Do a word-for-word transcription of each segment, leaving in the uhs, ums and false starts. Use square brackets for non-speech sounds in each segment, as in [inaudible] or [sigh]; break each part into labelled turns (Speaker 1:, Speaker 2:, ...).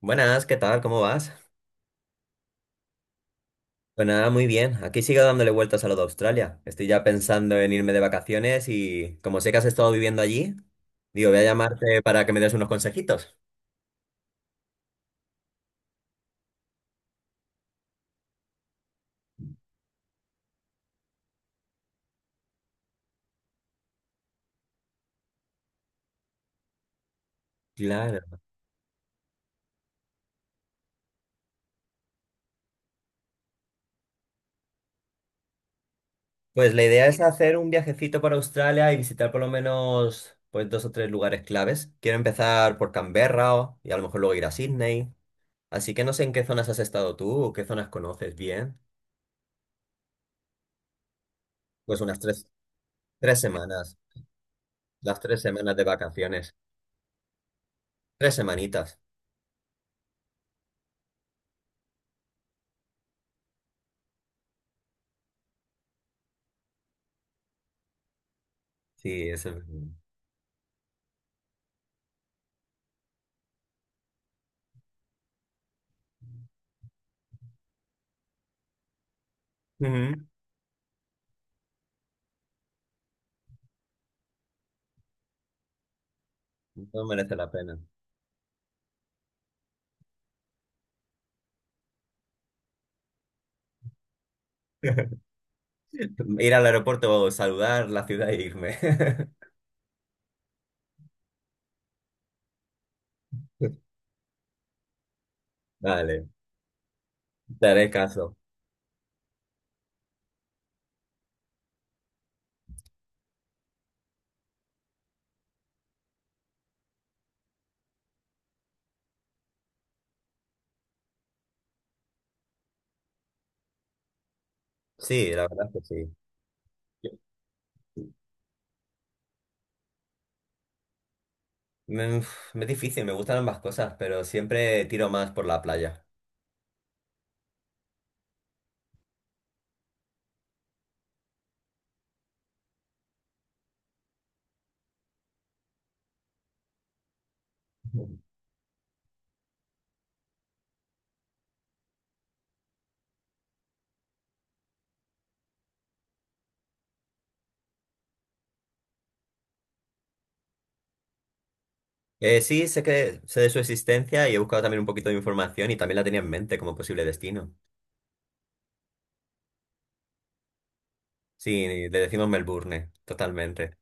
Speaker 1: Buenas, ¿qué tal? ¿Cómo vas? Pues nada, muy bien. Aquí sigo dándole vueltas a lo de Australia. Estoy ya pensando en irme de vacaciones y como sé que has estado viviendo allí, digo, voy a llamarte para que me des unos consejitos. Claro. Pues la idea es hacer un viajecito para Australia y visitar por lo menos pues dos o tres lugares claves. Quiero empezar por Canberra o- y a lo mejor luego ir a Sydney. Así que no sé en qué zonas has estado tú o qué zonas conoces bien. Pues unas tres, tres semanas, las tres semanas de vacaciones. Tres semanitas. Sí, eso. Ujú. No merece la pena. [laughs] Ir al aeropuerto, saludar la ciudad e irme. [laughs] Vale, te haré caso. Sí, la verdad es que sí. Me, uf, me es difícil, me gustan ambas cosas, pero siempre tiro más por la playa. Eh, sí, sé que sé de su existencia y he buscado también un poquito de información y también la tenía en mente como posible destino. Sí, le decimos Melbourne, totalmente.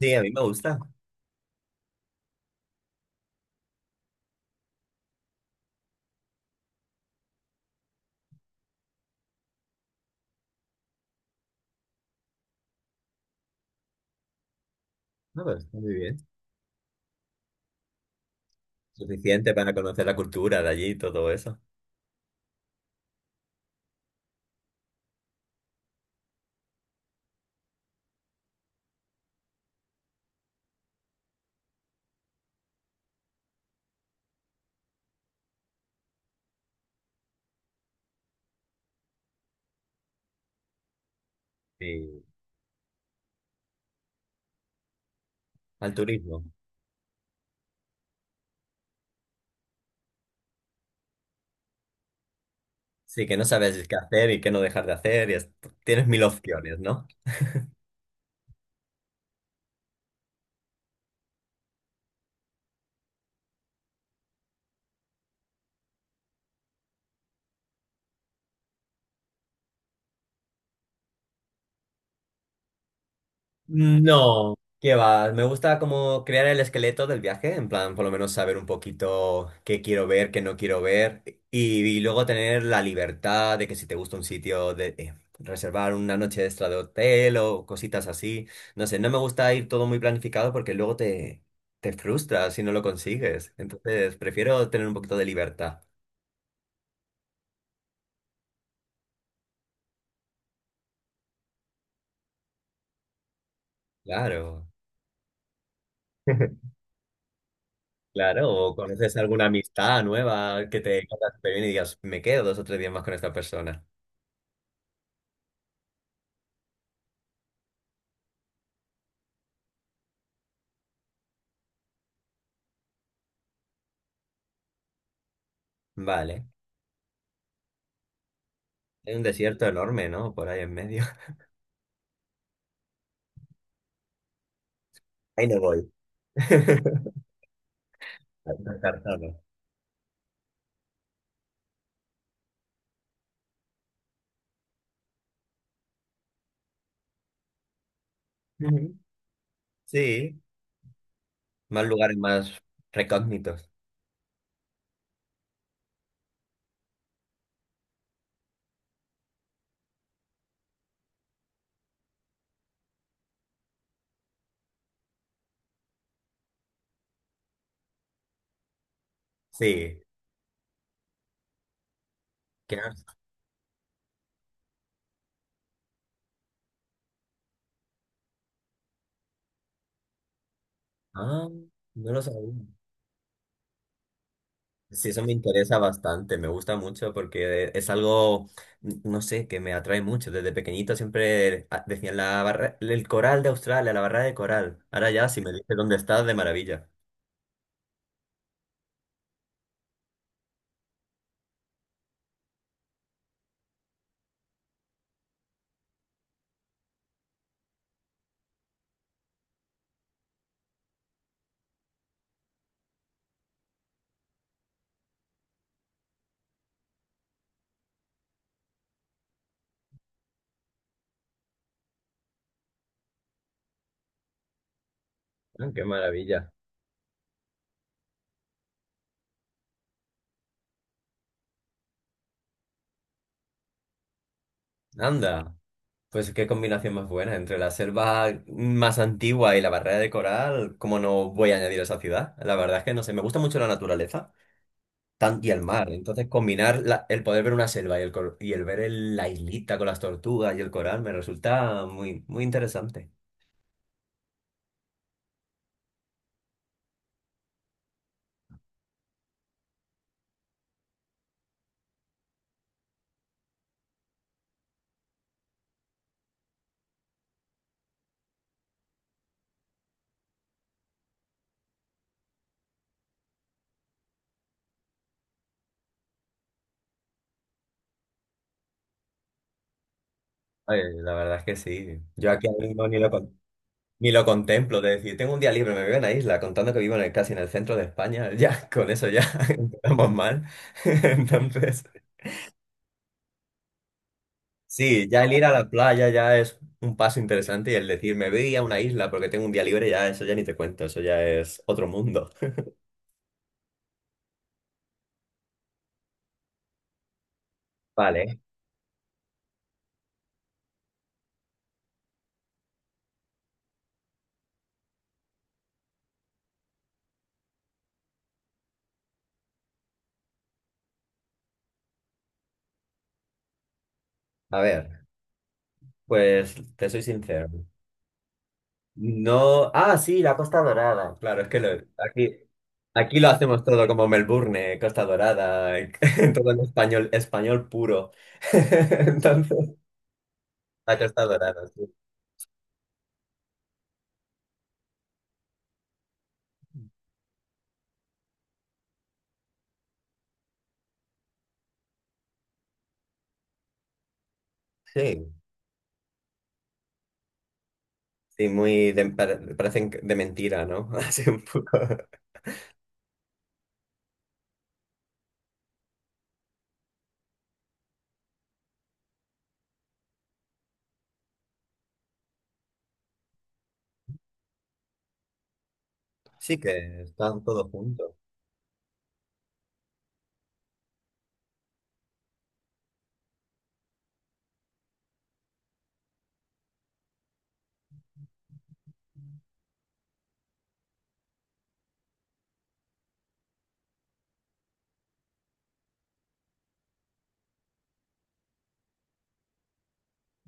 Speaker 1: Sí, a mí me gusta. No, pues, está muy bien. Suficiente para conocer la cultura de allí y todo eso. Sí, al turismo. Sí, que no sabes qué hacer y qué no dejar de hacer. Y es- Tienes mil opciones, ¿no? No, ¿qué va? Me gusta como crear el esqueleto del viaje, en plan, por lo menos saber un poquito qué quiero ver, qué no quiero ver, y, y luego tener la libertad de que si te gusta un sitio, de eh, reservar una noche extra de hotel o cositas así. No sé, no me gusta ir todo muy planificado porque luego te, te frustras si no lo consigues. Entonces, prefiero tener un poquito de libertad. Claro. [laughs] Claro, o conoces alguna amistad nueva que te caiga súper bien y digas, me quedo dos o tres días más con esta persona. Vale. Hay un desierto enorme, ¿no? Por ahí en medio. [laughs] Ahí no voy. [laughs] Descartado. Ujú. Sí, más lugares más recógnitos. Sí. ¿Qué más? Ah, no lo sabía. Sí, eso me interesa bastante, me gusta mucho porque es algo, n- no sé, que me atrae mucho. Desde pequeñito siempre ah, decían la barra, el coral de Australia, la barra de coral. Ahora ya, si me dices dónde estás, de maravilla. Ah, qué maravilla. Anda, pues qué combinación más buena entre la selva más antigua y la barrera de coral. ¿Cómo no voy a añadir esa ciudad? La verdad es que no sé, me gusta mucho la naturaleza. Tan- y el mar. Entonces, combinar la- el poder ver una selva y el, cor- y el ver el- la islita con las tortugas y el coral me resulta muy, muy interesante. Oye, la verdad es que sí. Yo aquí ahora mismo ni lo, con- ni lo contemplo. De decir, tengo un día libre, me voy a una isla, contando que vivo en el- casi en el centro de España. [laughs] Ya, con eso ya [laughs] empezamos mal. [laughs] Entonces, sí, ya el ir a la playa ya es un paso interesante y el decir, me voy a una isla porque tengo un día libre, ya eso ya ni te cuento, eso ya es otro mundo. [laughs] Vale, a ver, pues te soy sincero. No, ah, sí, la Costa Dorada. Claro, es que lo- aquí, aquí lo hacemos todo como Melbourne, Costa Dorada, [laughs] todo en español, español puro. [laughs] Entonces, la Costa Dorada, sí. Sí, sí, muy de, pare- parecen de mentira, ¿no? [laughs] Así un poco. Sí que están todos juntos.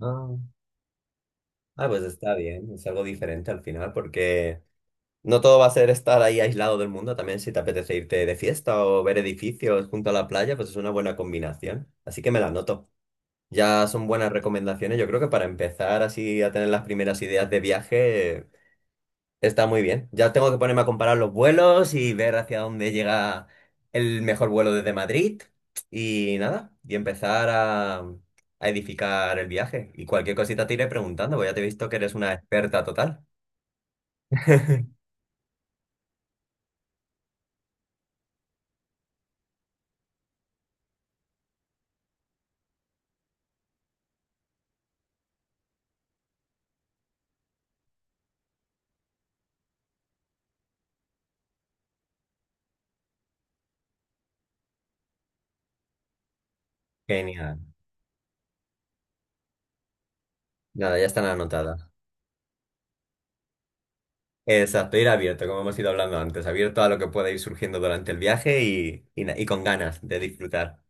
Speaker 1: Ah, ah, pues está bien, es algo diferente al final, porque no todo va a ser estar ahí aislado del mundo, también si te apetece irte de fiesta o ver edificios junto a la playa, pues es una buena combinación. Así que me la noto. Ya son buenas recomendaciones. Yo creo que para empezar así a tener las primeras ideas de viaje está muy bien. Ya tengo que ponerme a comparar los vuelos y ver hacia dónde llega el mejor vuelo desde Madrid. Y nada, y empezar a, a edificar el viaje. Y cualquier cosita te iré preguntando, porque ya te he visto que eres una experta total. [laughs] Genial. Nada, ya están anotadas. Exacto, ir abierto, como hemos ido hablando antes, abierto a lo que pueda ir surgiendo durante el viaje y, y na- y con ganas de disfrutar.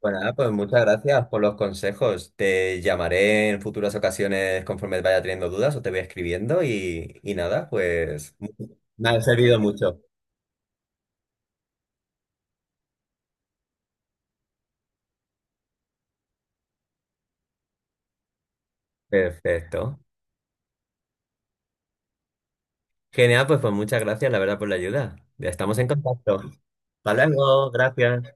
Speaker 1: Bueno, nada, pues muchas gracias por los consejos. Te llamaré en futuras ocasiones conforme vaya teniendo dudas o te voy escribiendo y, y nada, pues me ha servido mucho. Perfecto. Genial, pues, pues muchas gracias, la verdad, por la ayuda. Ya estamos en contacto. Hasta luego, gracias.